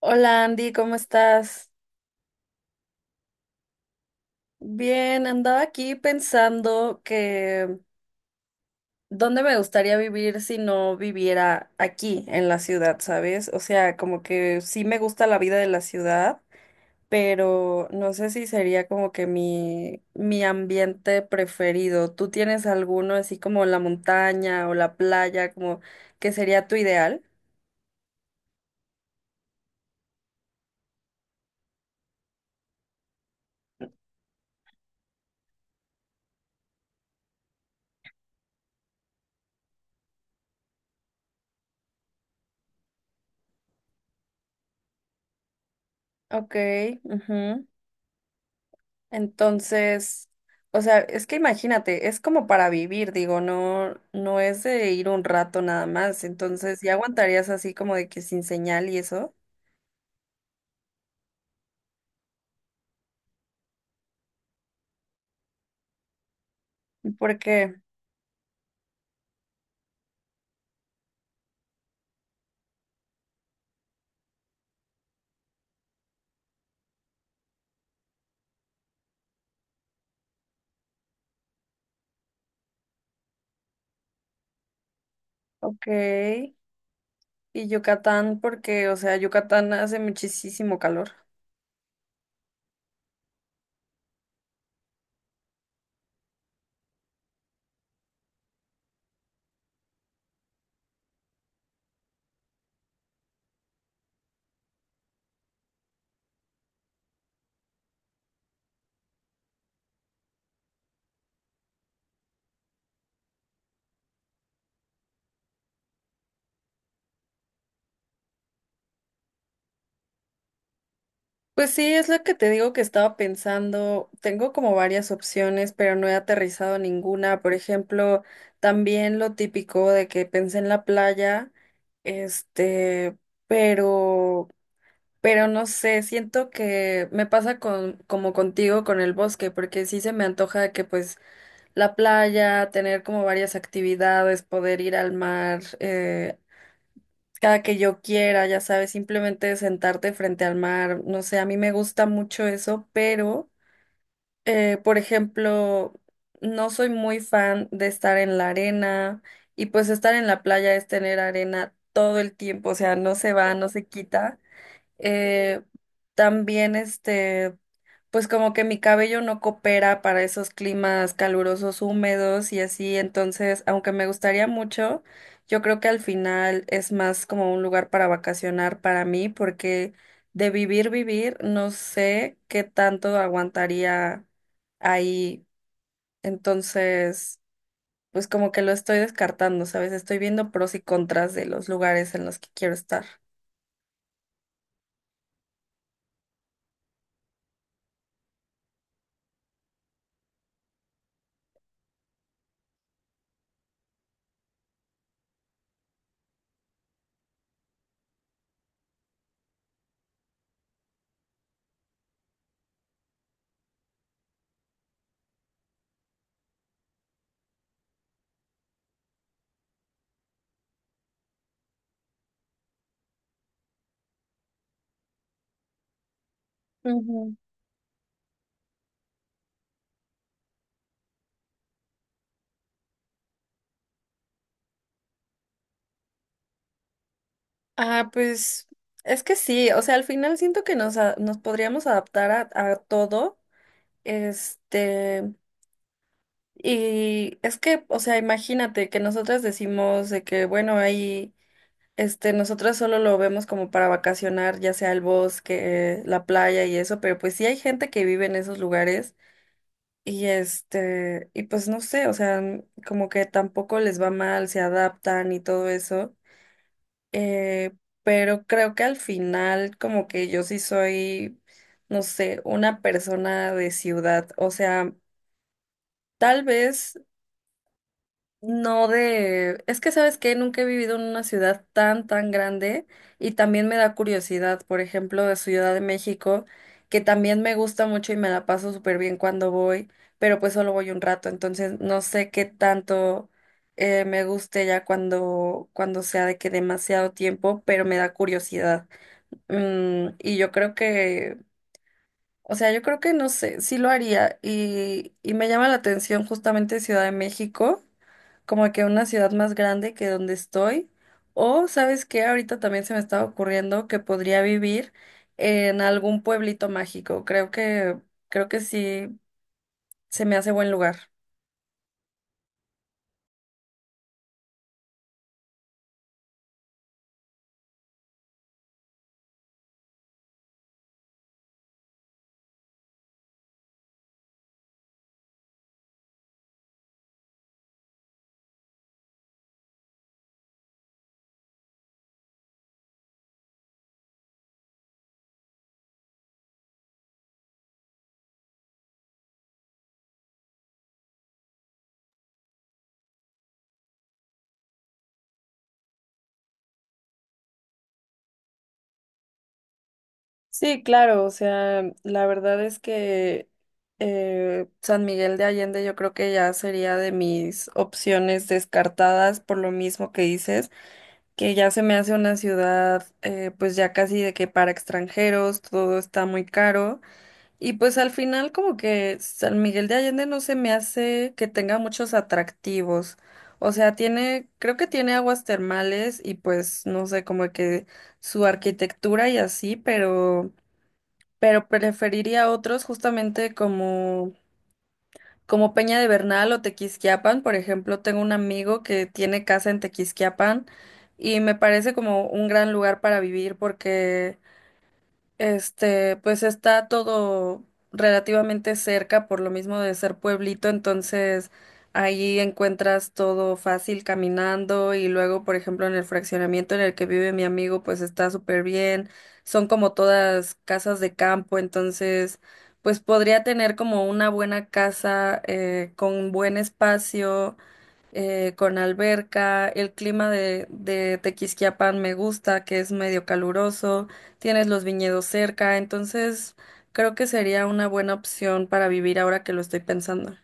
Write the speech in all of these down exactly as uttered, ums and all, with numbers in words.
Hola Andy, ¿cómo estás? Bien, andaba aquí pensando que dónde me gustaría vivir si no viviera aquí en la ciudad, ¿sabes? O sea, como que sí me gusta la vida de la ciudad, pero no sé si sería como que mi mi ambiente preferido. ¿Tú tienes alguno así como la montaña o la playa, como que sería tu ideal? Ok, ujú. Entonces, o sea, es que imagínate, es como para vivir, digo, no, no es de ir un rato nada más. Entonces, ¿ya aguantarías así como de que sin señal y eso? ¿Por qué? Ok. Y Yucatán, porque, o sea, Yucatán hace muchísimo calor. Pues sí, es lo que te digo que estaba pensando. Tengo como varias opciones, pero no he aterrizado ninguna. Por ejemplo, también lo típico de que pensé en la playa, este, pero Pero no sé, siento que me pasa con, como contigo con el bosque, porque sí se me antoja que pues la playa, tener como varias actividades, poder ir al mar eh, cada que yo quiera, ya sabes, simplemente sentarte frente al mar, no sé, a mí me gusta mucho eso, pero eh, por ejemplo, no soy muy fan de estar en la arena y pues estar en la playa es tener arena todo el tiempo, o sea, no se va, no se quita. Eh, también este, pues como que mi cabello no coopera para esos climas calurosos, húmedos y así, entonces, aunque me gustaría mucho, yo creo que al final es más como un lugar para vacacionar para mí, porque de vivir, vivir, no sé qué tanto aguantaría ahí, entonces, pues como que lo estoy descartando, ¿sabes? Estoy viendo pros y contras de los lugares en los que quiero estar. Ujú. Ah, pues es que sí, o sea, al final siento que nos, a- nos podríamos adaptar a, a todo, este, y es que, o sea, imagínate que nosotras decimos de que, bueno, ahí, este, nosotras solo lo vemos como para vacacionar, ya sea el bosque, la playa y eso, pero pues sí hay gente que vive en esos lugares y este, y pues no sé, o sea, como que tampoco les va mal, se adaptan y todo eso. Eh, pero creo que al final como que yo sí soy, no sé, una persona de ciudad. O sea, tal vez no de... Es que, ¿sabes qué? Nunca he vivido en una ciudad tan, tan grande y también me da curiosidad, por ejemplo, de Ciudad de México, que también me gusta mucho y me la paso súper bien cuando voy, pero pues solo voy un rato, entonces no sé qué tanto eh, me guste ya cuando, cuando sea de que demasiado tiempo, pero me da curiosidad. Mm, y yo creo que, o sea, yo creo que no sé, sí lo haría. Y, y me llama la atención justamente Ciudad de México, como que una ciudad más grande que donde estoy. O, ¿sabes qué? Ahorita también se me estaba ocurriendo que podría vivir en algún pueblito mágico. Creo que, creo que sí se me hace buen lugar. Sí, claro, o sea, la verdad es que eh, San Miguel de Allende yo creo que ya sería de mis opciones descartadas por lo mismo que dices, que ya se me hace una ciudad eh, pues ya casi de que para extranjeros todo está muy caro y pues al final como que San Miguel de Allende no se me hace que tenga muchos atractivos, o sea, tiene, creo que tiene aguas termales y pues no sé, como que su arquitectura y así, pero pero preferiría otros justamente como, como Peña de Bernal o Tequisquiapan. Por ejemplo, tengo un amigo que tiene casa en Tequisquiapan y me parece como un gran lugar para vivir porque este, pues está todo relativamente cerca por lo mismo de ser pueblito, entonces ahí encuentras todo fácil caminando y luego, por ejemplo, en el fraccionamiento en el que vive mi amigo, pues está súper bien. Son como todas casas de campo, entonces pues podría tener como una buena casa eh, con buen espacio eh, con alberca. El clima de, de Tequisquiapan me gusta, que es medio caluroso. Tienes los viñedos cerca, entonces creo que sería una buena opción para vivir ahora que lo estoy pensando.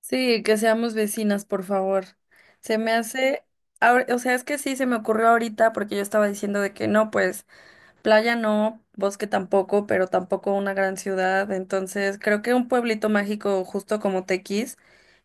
Sí, que seamos vecinas, por favor. Se me hace, ahor- o sea, es que sí, se me ocurrió ahorita porque yo estaba diciendo de que no, pues playa no, bosque tampoco, pero tampoco una gran ciudad. Entonces creo que un pueblito mágico justo como Tequis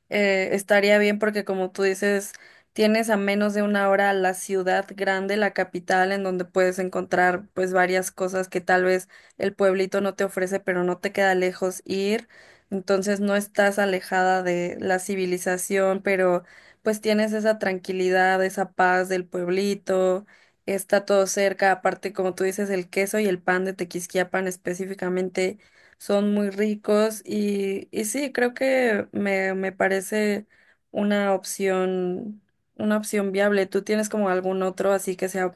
eh, estaría bien porque como tú dices, tienes a menos de una hora la ciudad grande, la capital, en donde puedes encontrar pues varias cosas que tal vez el pueblito no te ofrece, pero no te queda lejos ir. Entonces no estás alejada de la civilización, pero pues tienes esa tranquilidad, esa paz del pueblito, está todo cerca, aparte como tú dices, el queso y el pan de Tequisquiapan específicamente son muy ricos y, y sí, creo que me, me parece una opción, una opción viable. ¿Tú tienes como algún otro así que sea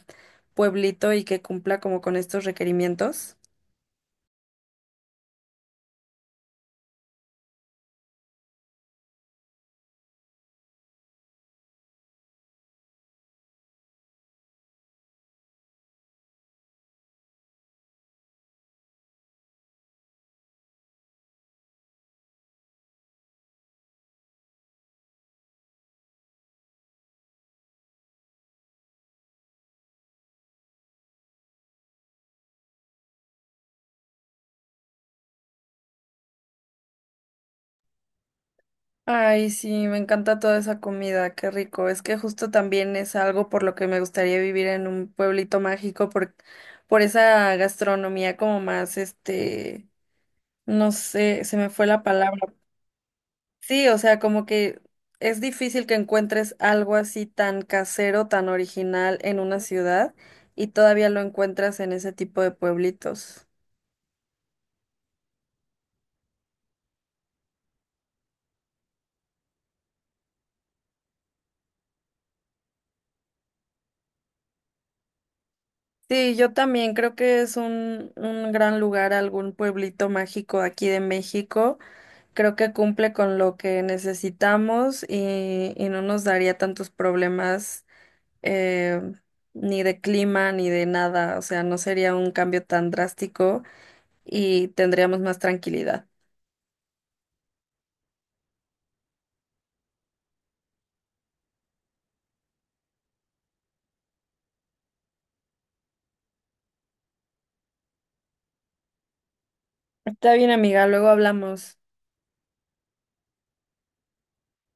pueblito y que cumpla como con estos requerimientos? Ay, sí, me encanta toda esa comida, qué rico. Es que justo también es algo por lo que me gustaría vivir en un pueblito mágico por, por esa gastronomía como más, este, no sé, se me fue la palabra. Sí, o sea, como que es difícil que encuentres algo así tan casero, tan original en una ciudad y todavía lo encuentras en ese tipo de pueblitos. Sí, yo también creo que es un, un gran lugar, algún pueblito mágico aquí de México. Creo que cumple con lo que necesitamos y, y no nos daría tantos problemas eh, ni de clima ni de nada. O sea, no sería un cambio tan drástico y tendríamos más tranquilidad. Está bien, amiga, luego hablamos.